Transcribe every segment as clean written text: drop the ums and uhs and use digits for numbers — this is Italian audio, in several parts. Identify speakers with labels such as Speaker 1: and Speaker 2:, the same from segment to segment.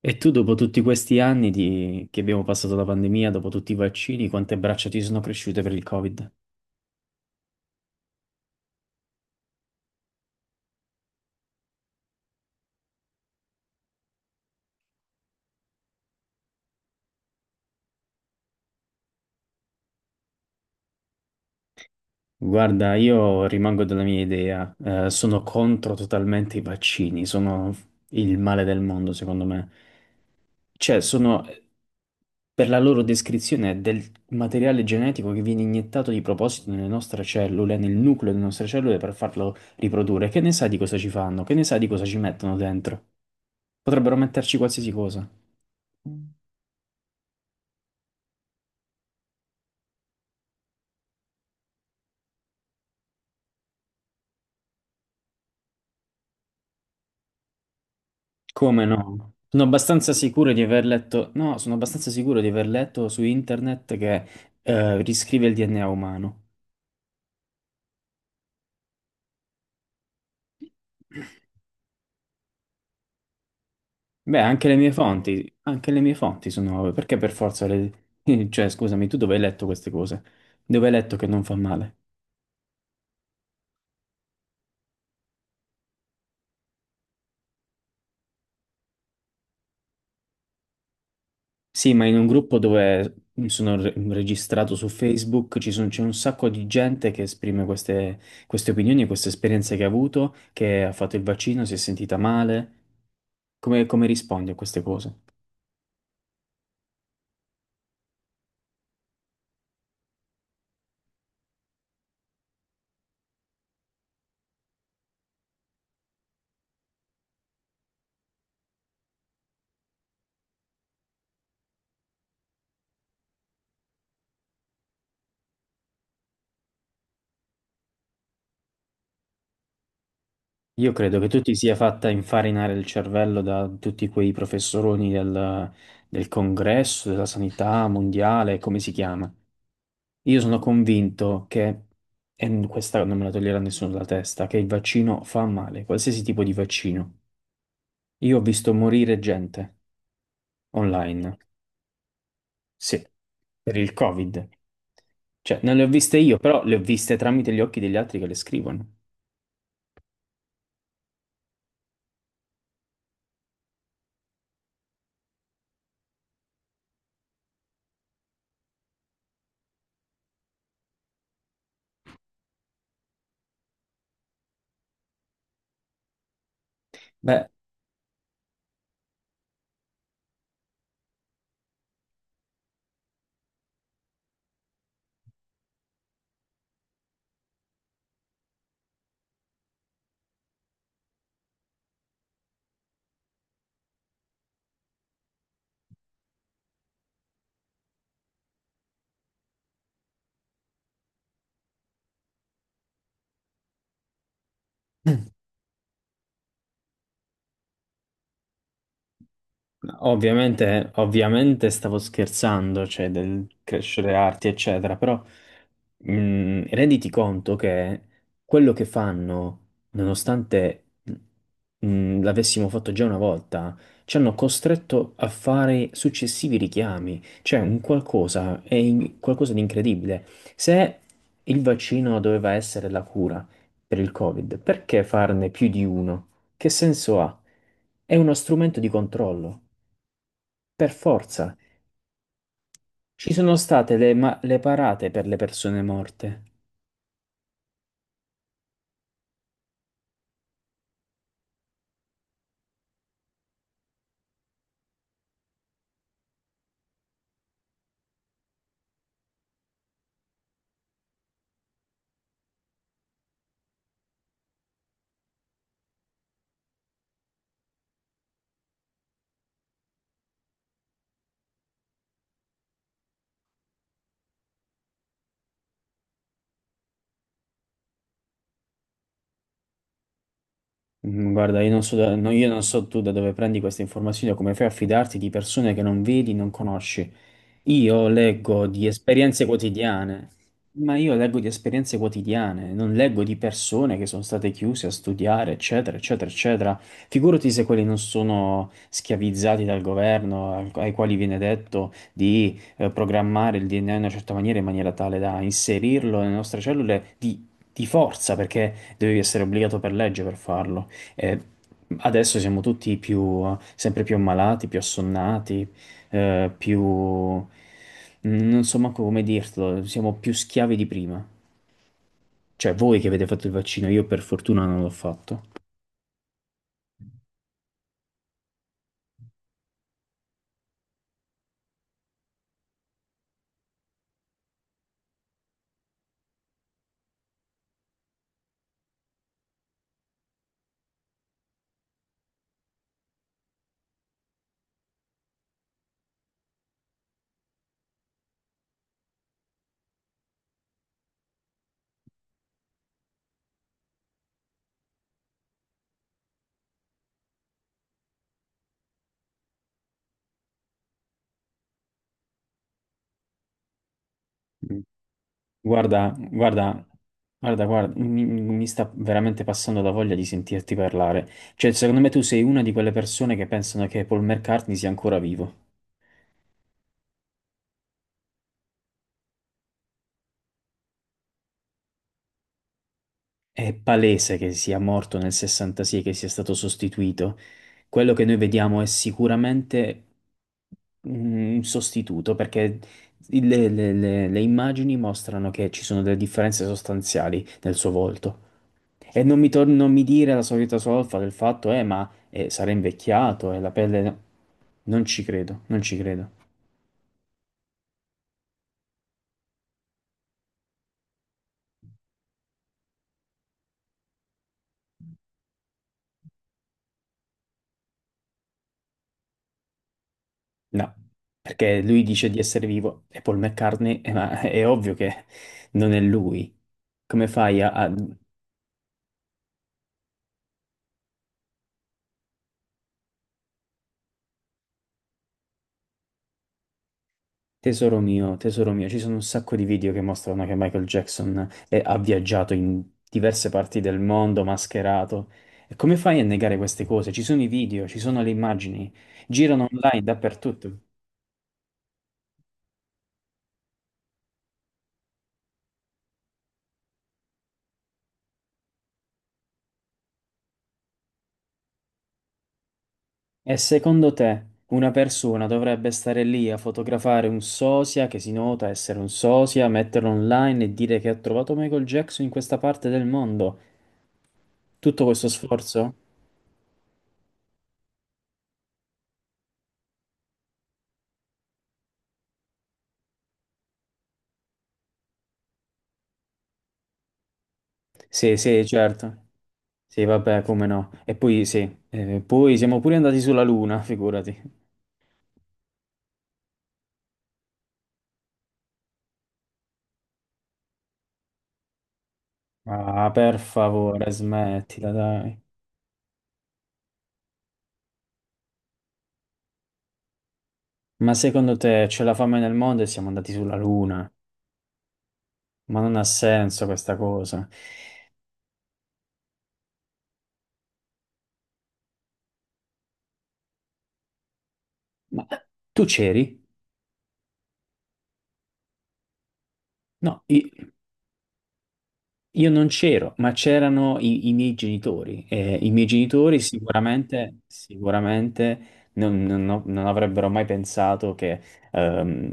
Speaker 1: E tu dopo tutti questi che abbiamo passato la pandemia, dopo tutti i vaccini, quante braccia ti sono cresciute per il Covid? Guarda, io rimango della mia idea, sono contro totalmente i vaccini, sono il male del mondo secondo me. Cioè, sono per la loro descrizione del materiale genetico che viene iniettato di proposito nelle nostre cellule, nel nucleo delle nostre cellule per farlo riprodurre. Che ne sa di cosa ci fanno? Che ne sa di cosa ci mettono dentro? Potrebbero metterci qualsiasi cosa. Come no? Sono abbastanza sicuro di aver letto, no, sono abbastanza sicuro di aver letto su internet che riscrive il DNA umano. Beh, anche le mie fonti, anche le mie fonti sono nuove, perché per forza le... Cioè, scusami, tu dove hai letto queste cose? Dove hai letto che non fa male? Sì, ma in un gruppo dove sono registrato su Facebook c'è un sacco di gente che esprime queste opinioni, queste esperienze che ha avuto, che ha fatto il vaccino, si è sentita male. Come, come rispondi a queste cose? Io credo che tu ti sia fatta infarinare il cervello da tutti quei professoroni del congresso, della sanità mondiale, come si chiama. Io sono convinto che, e questa non me la toglierà nessuno dalla testa, che il vaccino fa male, qualsiasi tipo di vaccino. Io ho visto morire gente online, sì, per il Covid. Cioè, non le ho viste io, però le ho viste tramite gli occhi degli altri che le scrivono. Beh, ovviamente, ovviamente stavo scherzando, cioè del crescere arti, eccetera, però renditi conto che quello che fanno, nonostante l'avessimo fatto già una volta, ci hanno costretto a fare successivi richiami, cioè un qualcosa, è qualcosa di incredibile. Se il vaccino doveva essere la cura per il Covid, perché farne più di uno? Che senso ha? È uno strumento di controllo. Per forza, ci sono state le parate per le persone morte. Guarda, io non so, no, io non so tu da dove prendi queste informazioni o come fai a fidarti di persone che non vedi, non conosci. Io leggo di esperienze quotidiane, ma io leggo di esperienze quotidiane, non leggo di persone che sono state chiuse a studiare, eccetera, eccetera, eccetera. Figurati se quelli non sono schiavizzati dal governo, ai quali viene detto di programmare il DNA in una certa maniera, in maniera tale da inserirlo nelle nostre cellule di forza, perché devi essere obbligato per legge per farlo. E adesso siamo sempre più ammalati, più assonnati più... non so manco come dirtelo, siamo più schiavi di prima. Cioè, voi che avete fatto il vaccino, io per fortuna non l'ho fatto. Mm. Guarda, guarda, guarda, mi sta veramente passando la voglia di sentirti parlare. Cioè, secondo me tu sei una di quelle persone che pensano che Paul McCartney sia ancora vivo. È palese che sia morto nel 66 e che sia stato sostituito. Quello che noi vediamo è sicuramente un sostituto perché le immagini mostrano che ci sono delle differenze sostanziali nel suo volto. E non non mi dire la solita solfa del fatto, ma sarà invecchiato e la pelle... no". Non ci credo, non ci credo. No, perché lui dice di essere vivo e Paul McCartney, ma è ovvio che non è lui. Come fai a... tesoro mio, ci sono un sacco di video che mostrano che Michael Jackson ha viaggiato in diverse parti del mondo mascherato. E come fai a negare queste cose? Ci sono i video, ci sono le immagini, girano online dappertutto. E secondo te una persona dovrebbe stare lì a fotografare un sosia che si nota essere un sosia, metterlo online e dire che ha trovato Michael Jackson in questa parte del mondo? Tutto questo sforzo? Sì, sì, certo. Sì, vabbè, come no. E poi sì, poi siamo pure andati sulla Luna, figurati. Ah, per favore, smettila, dai. Ma secondo te c'è la fame nel mondo e siamo andati sulla Luna? Ma non ha senso questa cosa. Ma tu c'eri? No, io non c'ero, ma c'erano i miei genitori. E i miei genitori sicuramente, sicuramente non avrebbero mai pensato che ehm,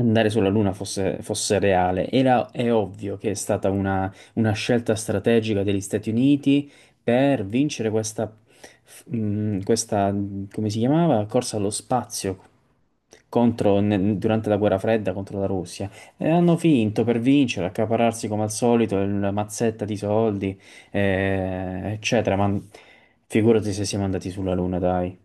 Speaker 1: andare sulla Luna fosse reale. È ovvio che è stata una scelta strategica degli Stati Uniti per vincere questa, come si chiamava? Corsa allo spazio durante la guerra fredda contro la Russia. E hanno finto per vincere, accaparrarsi come al solito la mazzetta di soldi, eccetera. Ma figurati se siamo andati sulla Luna, dai.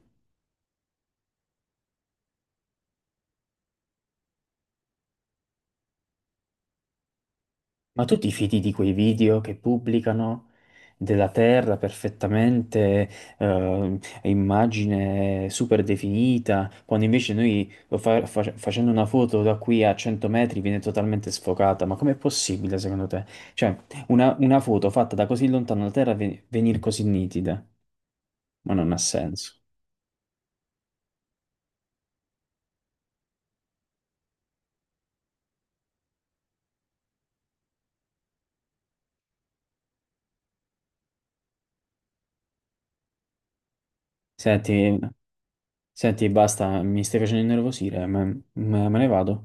Speaker 1: Ma tu ti fidi di quei video che pubblicano della Terra perfettamente, immagine super definita, quando invece noi lo facendo una foto da qui a 100 metri viene totalmente sfocata? Ma com'è possibile secondo te? Cioè, una foto fatta da così lontano la Terra venire così nitida? Ma non ha senso. Senti, senti, basta, mi stai facendo innervosire, me ne vado.